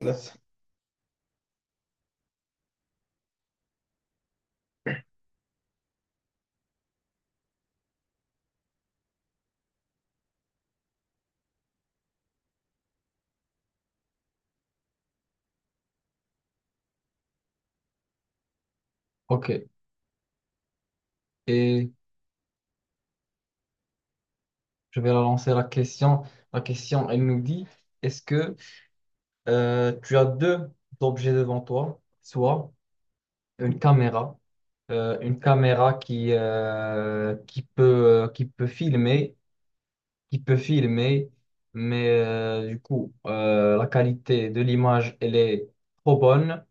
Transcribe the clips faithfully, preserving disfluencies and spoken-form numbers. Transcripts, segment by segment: Vas. Ok, et je vais la lancer la question. La question, elle nous dit, est-ce que euh, tu as deux objets devant toi, soit une caméra, euh, une caméra qui, euh, qui peut, euh, qui peut filmer, qui peut filmer, mais euh, du coup, euh, la qualité de l'image, elle est trop bonne,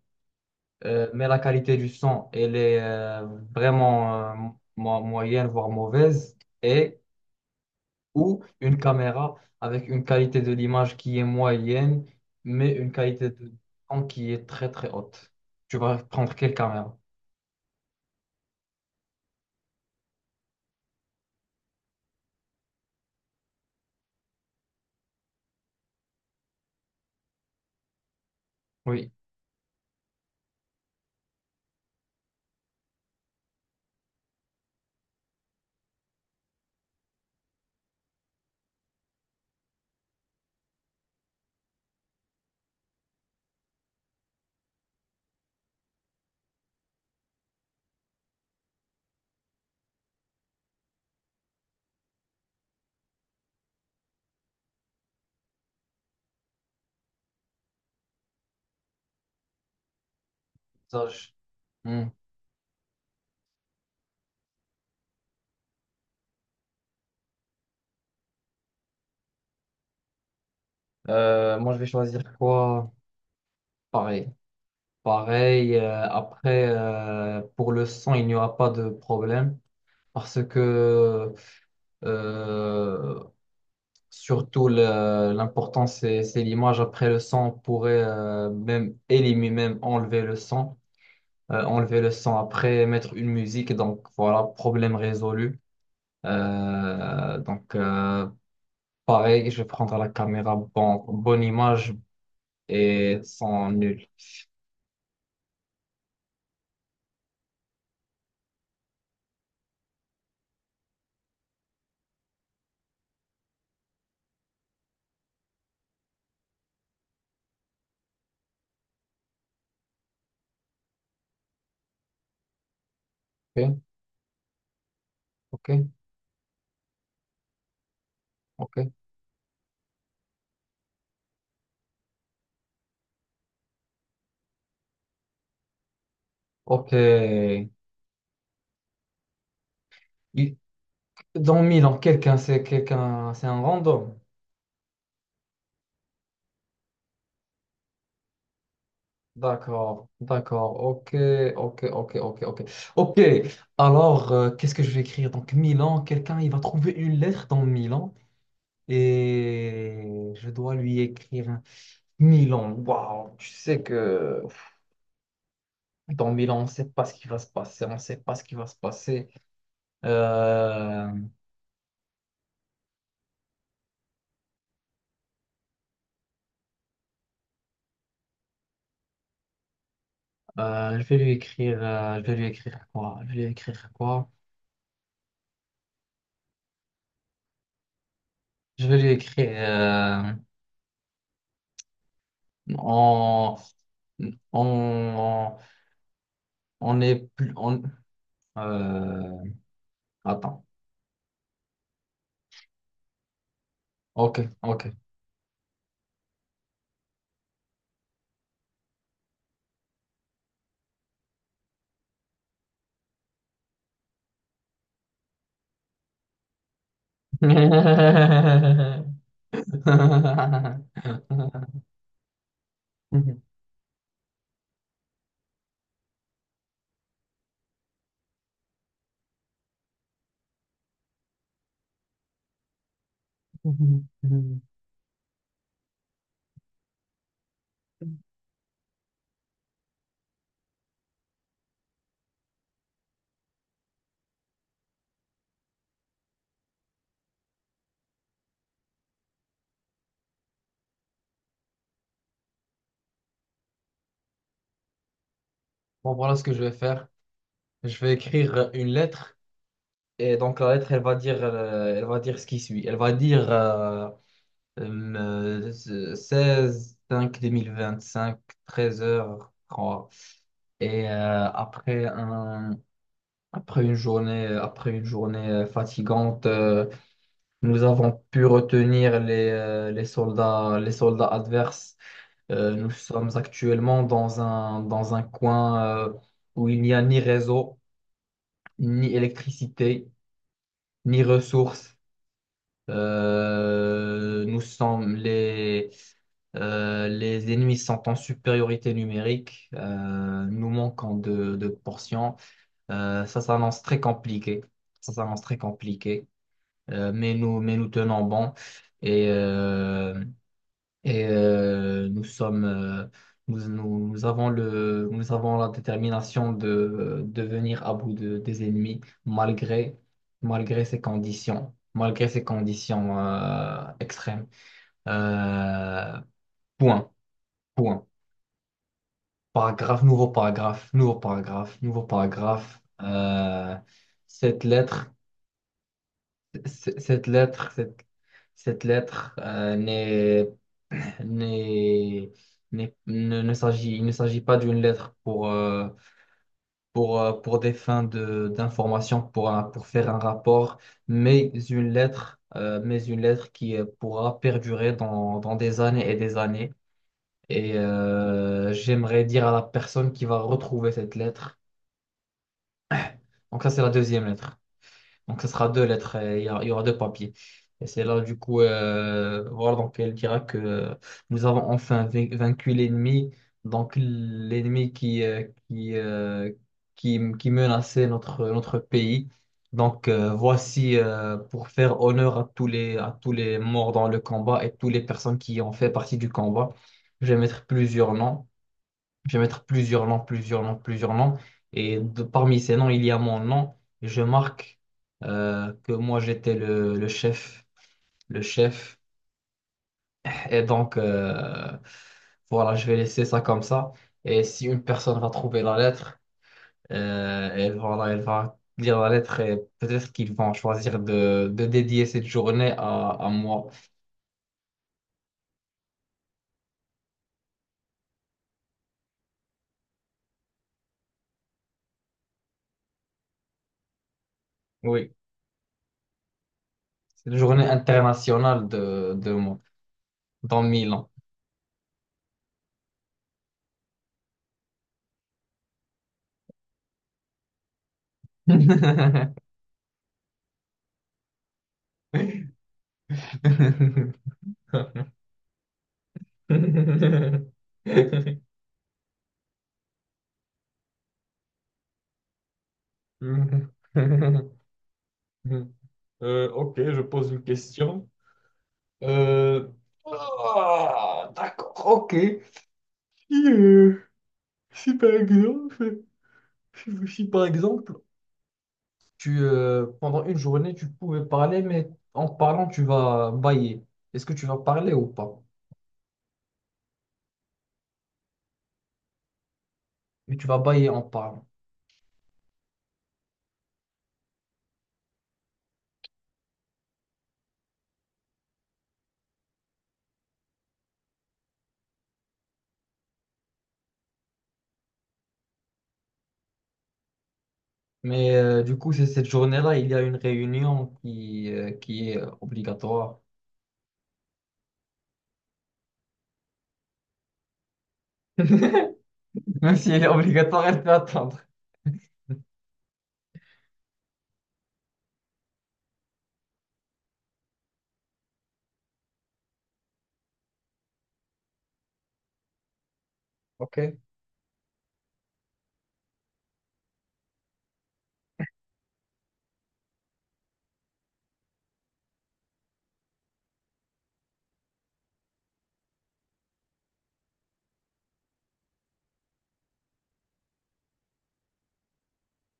euh, mais la qualité du son, elle est euh, vraiment euh, mo- moyenne, voire mauvaise, et ou une caméra avec une qualité de l'image qui est moyenne, mais une qualité de son qui est très très haute. Tu vas prendre quelle caméra? Oui, ça, je- hmm. Euh, moi je vais choisir quoi? Pareil. Pareil, euh, après, euh, pour le son, il n'y aura pas de problème parce que euh, surtout le- l'important c'est c'est l'image. Après le son, on pourrait euh, même éliminer, même enlever le son. euh, enlever le son après, mettre une musique. Donc voilà, problème résolu. Euh, donc euh, pareil, je vais prendre la caméra, bon, bonne image et son nul. Ok, ok, ok, ok. Il- Dans Milan, quelqu'un, c'est quelqu'un, c'est un random. D'accord, d'accord, ok, ok, ok, ok, ok. Ok, alors, euh, qu'est-ce que je vais écrire? Donc, Milan, quelqu'un, il va trouver une lettre dans Milan et je dois lui écrire. Milan, waouh, tu sais que dans Milan, on ne sait pas ce qui va se passer, on ne sait pas ce qui va se passer. Euh, euh, je vais lui écrire, euh, je vais lui écrire quoi? Je vais lui écrire quoi? Je vais lui écrire euh, on, on, on est plus, on, euh, attends, ok, ok. Bon, voilà ce que je vais faire. Je vais écrire une lettre. Et donc la lettre, elle va dire, euh, elle va dire ce qui suit. Elle va dire euh, euh, seize cinq deux mille vingt cinq treize heures zéro trois. Et euh, après un, après une journée, après une journée euh, fatigante, euh, nous avons pu retenir les, euh, les soldats, les soldats adverses. Euh, nous sommes actuellement dans un, dans un coin euh, où il n'y a ni réseau, ni électricité, ni ressources. Euh, nous sommes les, euh, les ennemis sont en supériorité numérique. Euh, nous manquons de, de portions. Euh, ça s'annonce très compliqué. Ça s'annonce très compliqué. Euh, mais nous, mais nous tenons bon. Et euh, et euh, nous sommes, euh, nous, nous avons le, nous avons la détermination de, de venir à bout de- des ennemis malgré, malgré ces conditions, malgré ces conditions euh, extrêmes. Euh, point, point. Paragraphe, nouveau paragraphe, nouveau paragraphe, nouveau paragraphe. Euh, cette lettre c- Cette lettre, cette, cette lettre euh, n'est, n'est, n'est- ne, ne s'agit, il ne s'agit pas d'une lettre pour, euh, pour, euh, pour des fins de, d'information, pour, un- pour faire un rapport, mais une lettre, euh, mais une lettre qui euh, pourra perdurer dans, dans des années et des années. Et euh, j'aimerais dire à la personne qui va retrouver cette lettre. Donc ça, c'est la deuxième lettre. Donc, ce sera deux lettres, et il y aura il y aura deux papiers. Et c'est là, du coup, euh, voilà, donc elle dira que nous avons enfin vain- vaincu l'ennemi, donc l'ennemi qui, euh, qui, euh, qui, qui menaçait notre, notre pays. Donc, euh, voici, euh, pour faire honneur à tous les, à tous les morts dans le combat et toutes les personnes qui ont fait partie du combat, je vais mettre plusieurs noms. Je vais mettre plusieurs noms, plusieurs noms, plusieurs noms. Et de- parmi ces noms, il y a mon nom. Et je marque euh, que moi, j'étais le, le chef. Le chef. Et donc, euh, voilà, je vais laisser ça comme ça. Et si une personne va trouver la lettre, euh, elle, voilà, elle va lire la lettre et peut-être qu'ils vont choisir de, de dédier cette journée à, à moi. Oui, c'est la journée internationale de, de moi, dans mille ans. Mhm. Mhm. Euh, ok, je pose une question. Euh, ah, d'accord, ok. Si, euh, si par exemple, si, si par exemple, tu, euh, pendant une journée, tu pouvais parler, mais en parlant, tu vas bailler. Est-ce que tu vas parler ou pas? Mais tu vas bailler en parlant. Mais euh, du coup, c'est cette journée-là, il y a une réunion qui, euh, qui est obligatoire. Même si elle est obligatoire, elle peut attendre. Ok,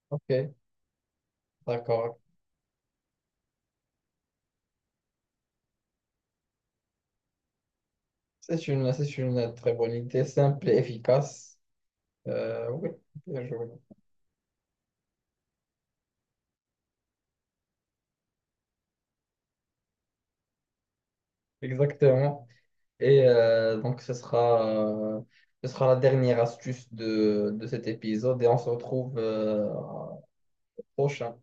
ok, d'accord. C'est une, c'est une très bonne idée, simple et efficace. Euh, oui, bien joué. Exactement. Et euh, donc, ce sera, euh, ce sera la dernière astuce de, de cet épisode et on se retrouve euh, prochain.